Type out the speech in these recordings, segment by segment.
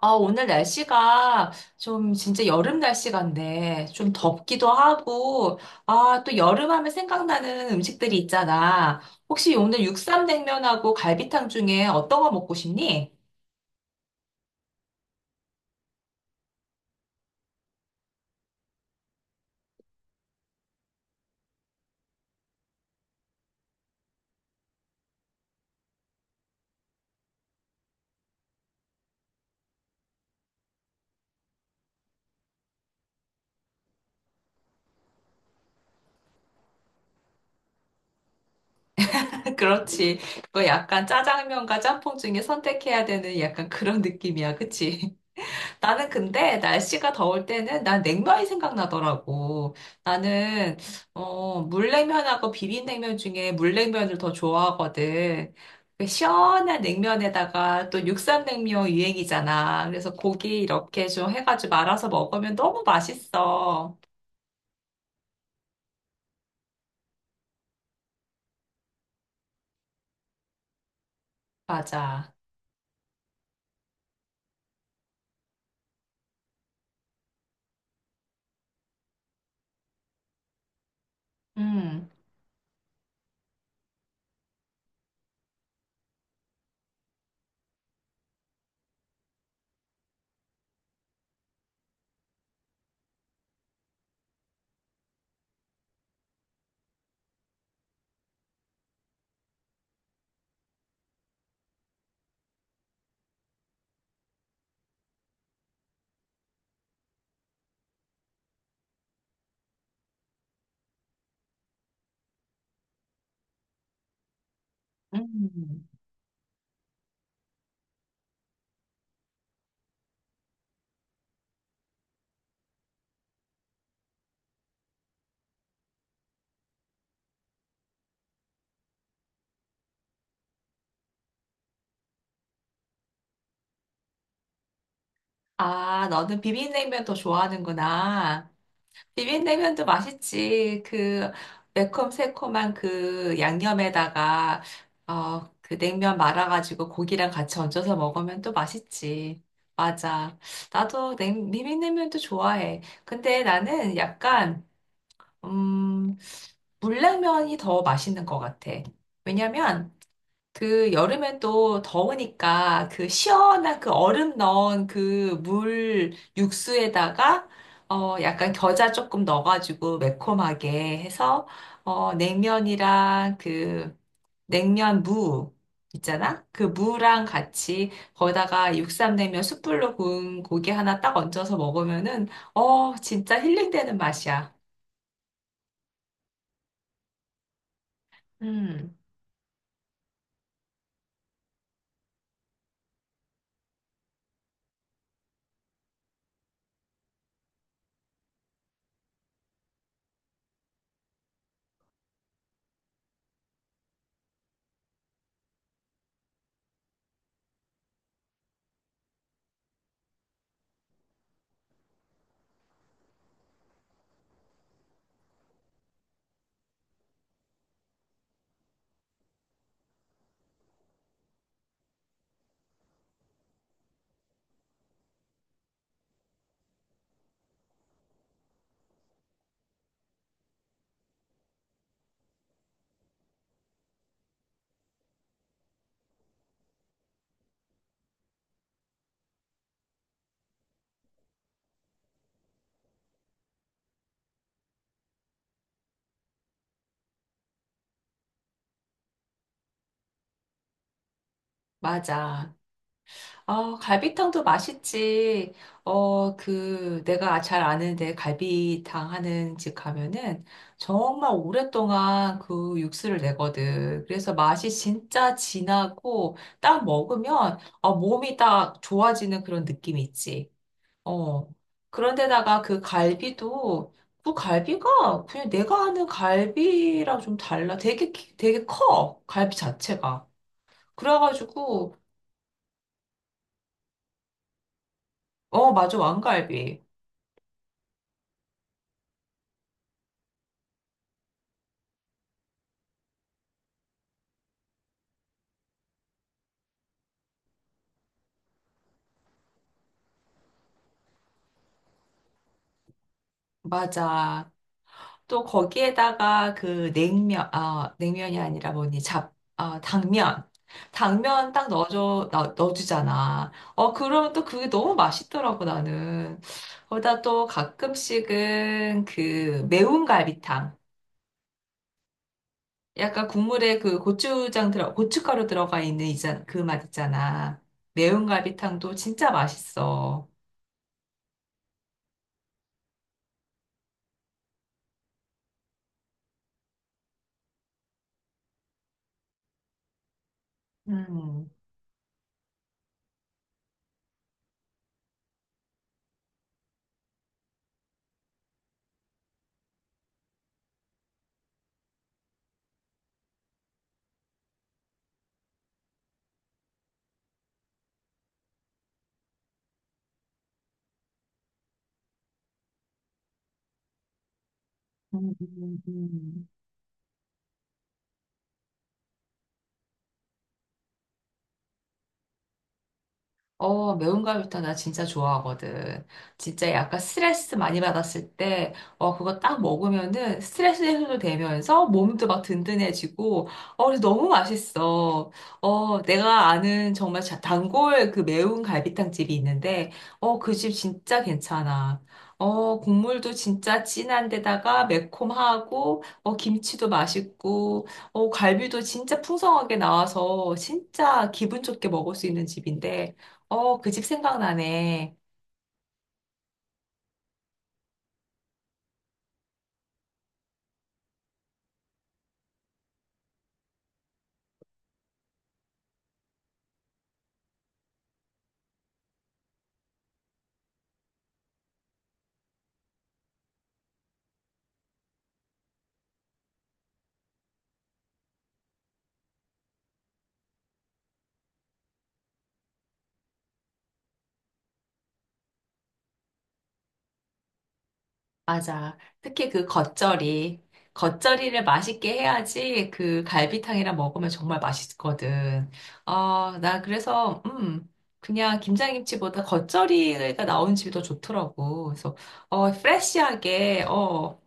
아, 오늘 날씨가 좀 진짜 여름 날씨 같네. 좀 덥기도 하고, 아, 또 여름 하면 생각나는 음식들이 있잖아. 혹시 오늘 육쌈냉면하고 갈비탕 중에 어떤 거 먹고 싶니? 그렇지. 그거 약간 짜장면과 짬뽕 중에 선택해야 되는 약간 그런 느낌이야. 그치? 나는 근데 날씨가 더울 때는 난 냉면이 생각나더라고. 나는 물냉면하고 비빔냉면 중에 물냉면을 더 좋아하거든. 그 시원한 냉면에다가 또 육삼냉면 유행이잖아. 그래서 고기 이렇게 좀 해가지고 말아서 먹으면 너무 맛있어. 맞아. 음. 음. 아, 너는 비빔냉면 더 좋아하는구나. 비빔냉면도 맛있지. 그 매콤새콤한 그 양념에다가 그 냉면 말아가지고 고기랑 같이 얹어서 먹으면 또 맛있지. 맞아. 나도 비빔냉면도 좋아해. 근데 나는 약간 음, 물냉면이 더 맛있는 것 같아. 왜냐면 그 여름엔 또 더우니까 그 시원한 그 얼음 넣은 그 물 육수에다가 약간 겨자 조금 넣어가지고 매콤하게 해서 냉면이랑 그 냉면 무. 있잖아? 그 무랑 같이 거기다가 육삼냉면 숯불로 구운 고기 하나 딱 얹어서 먹으면은 진짜 힐링되는 맛이야. 음 맞아. 아, 갈비탕도 맛있지. 내가 잘 아는데 갈비탕 하는 집 가면은 정말 오랫동안 그 육수를 내거든. 그래서 맛이 진짜 진하고 딱 먹으면 몸이 딱 좋아지는 그런 느낌이 있지. 어. 그런데다가 그 갈비도. 그 갈비가 그냥 내가 아는 갈비랑 좀 달라. 되게, 되게 커. 갈비 자체가. 그래가지고, 맞아. 왕갈비. 맞아. 또 거기에다가 그 냉면, 아, 냉면이 아니라 뭐니, 아, 당면. 넣어주잖아. 어, 그러면 또 그게 너무 맛있더라고, 나는. 거기다 또 가끔씩은 그 매운 갈비탕. 약간 국물에 그 고추장 고춧가루 들어가 있는 이자, 그 맛 있잖아. 매운 갈비탕도 진짜 맛있어. 음. 음, 음, 음. 어, 매운가루탕 나 진짜 좋아하거든. 진짜 약간 스트레스 많이 받았을 때, 그거 딱 먹으면은 스트레스 해소도 되면서 몸도 막 든든해지고, 그래서 너무 맛있어. 어, 내가 아는 정말 단골 그 매운 갈비탕 집이 있는데, 어, 그 집 진짜 괜찮아. 국물도 진짜 진한데다가 매콤하고, 김치도 맛있고, 갈비도 진짜 풍성하게 나와서 진짜 기분 좋게 먹을 수 있는 집인데, 그 집 생각나네. 맞아. 특히 그 겉절이. 겉절이를 맛있게 해야지 그 갈비탕이랑 먹으면 정말 맛있거든. 어, 나 그래서, 그냥 김장김치보다 겉절이가 나온 집이 더 좋더라고. 그래서, 어, 프레쉬하게, 어,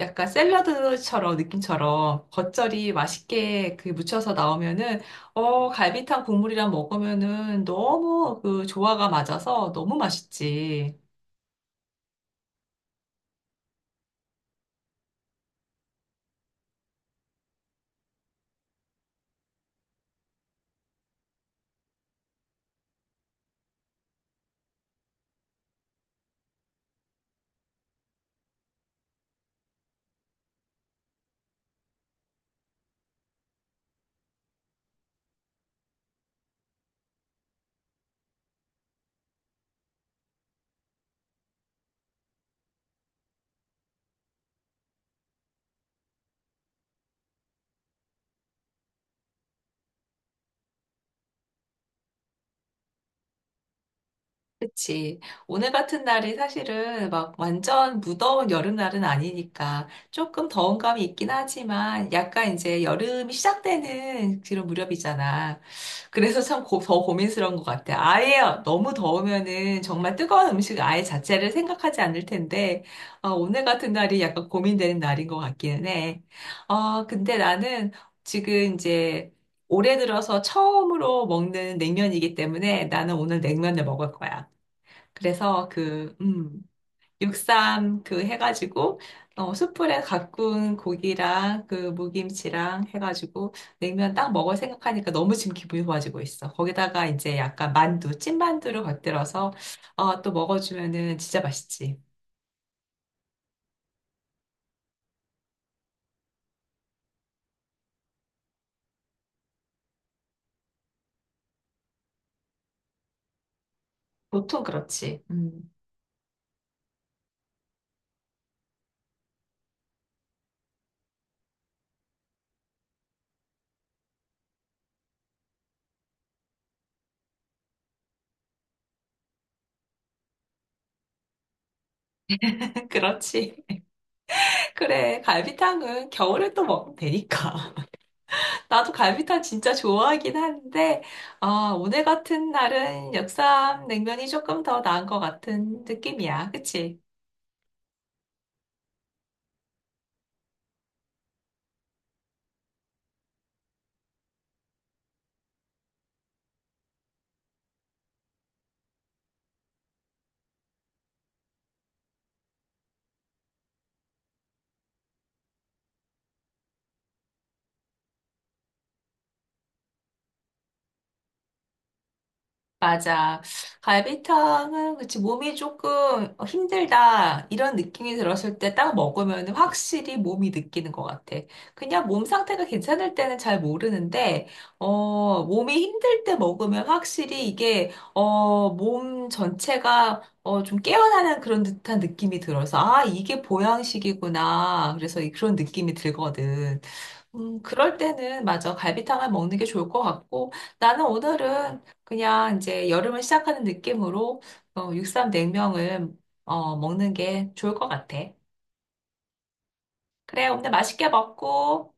약간 샐러드처럼, 느낌처럼 겉절이 맛있게 그 무쳐서 나오면은, 갈비탕 국물이랑 먹으면은 너무 그 조화가 맞아서 너무 맛있지. 그치. 오늘 같은 날이 사실은 막 완전 무더운 여름날은 아니니까 조금 더운 감이 있긴 하지만 약간 이제 여름이 시작되는 그런 무렵이잖아. 그래서 참 더 고민스러운 것 같아. 아예 너무 더우면은 정말 뜨거운 음식 아예 자체를 생각하지 않을 텐데, 오늘 같은 날이 약간 고민되는 날인 것 같기는 해. 어, 근데 나는 지금 이제 올해 들어서 처음으로 먹는 냉면이기 때문에 나는 오늘 냉면을 먹을 거야. 그래서 그, 육삼 그 해가지고, 숯불에 가꾼 고기랑 그 무김치랑 해가지고 냉면 딱 먹을 생각하니까 너무 지금 기분이 좋아지고 있어. 거기다가 이제 약간 만두, 찐만두를 곁들여서, 또 먹어주면은 진짜 맛있지. 보통 그렇지. 그렇지. 그래. 갈비탕은 겨울에 또 먹으면 되니까. 나도 갈비탕 진짜 좋아하긴 한데, 아, 오늘 같은 날은 역삼 냉면이 조금 더 나은 것 같은 느낌이야. 그치? 맞아. 갈비탕은 그치 몸이 조금 힘들다 이런 느낌이 들었을 때 딱 먹으면 확실히 몸이 느끼는 것 같아. 그냥 몸 상태가 괜찮을 때는 잘 모르는데 몸이 힘들 때 먹으면 확실히 이게 몸 전체가 좀 깨어나는 그런 듯한 느낌이 들어서 아 이게 보양식이구나. 그래서 그런 느낌이 들거든. 그럴 때는 맞아. 갈비탕을 먹는 게 좋을 것 같고, 나는 오늘은 그냥 이제 여름을 시작하는 느낌으로 육삼 냉면을 먹는 게 좋을 것 같아. 그래, 오늘 맛있게 먹고.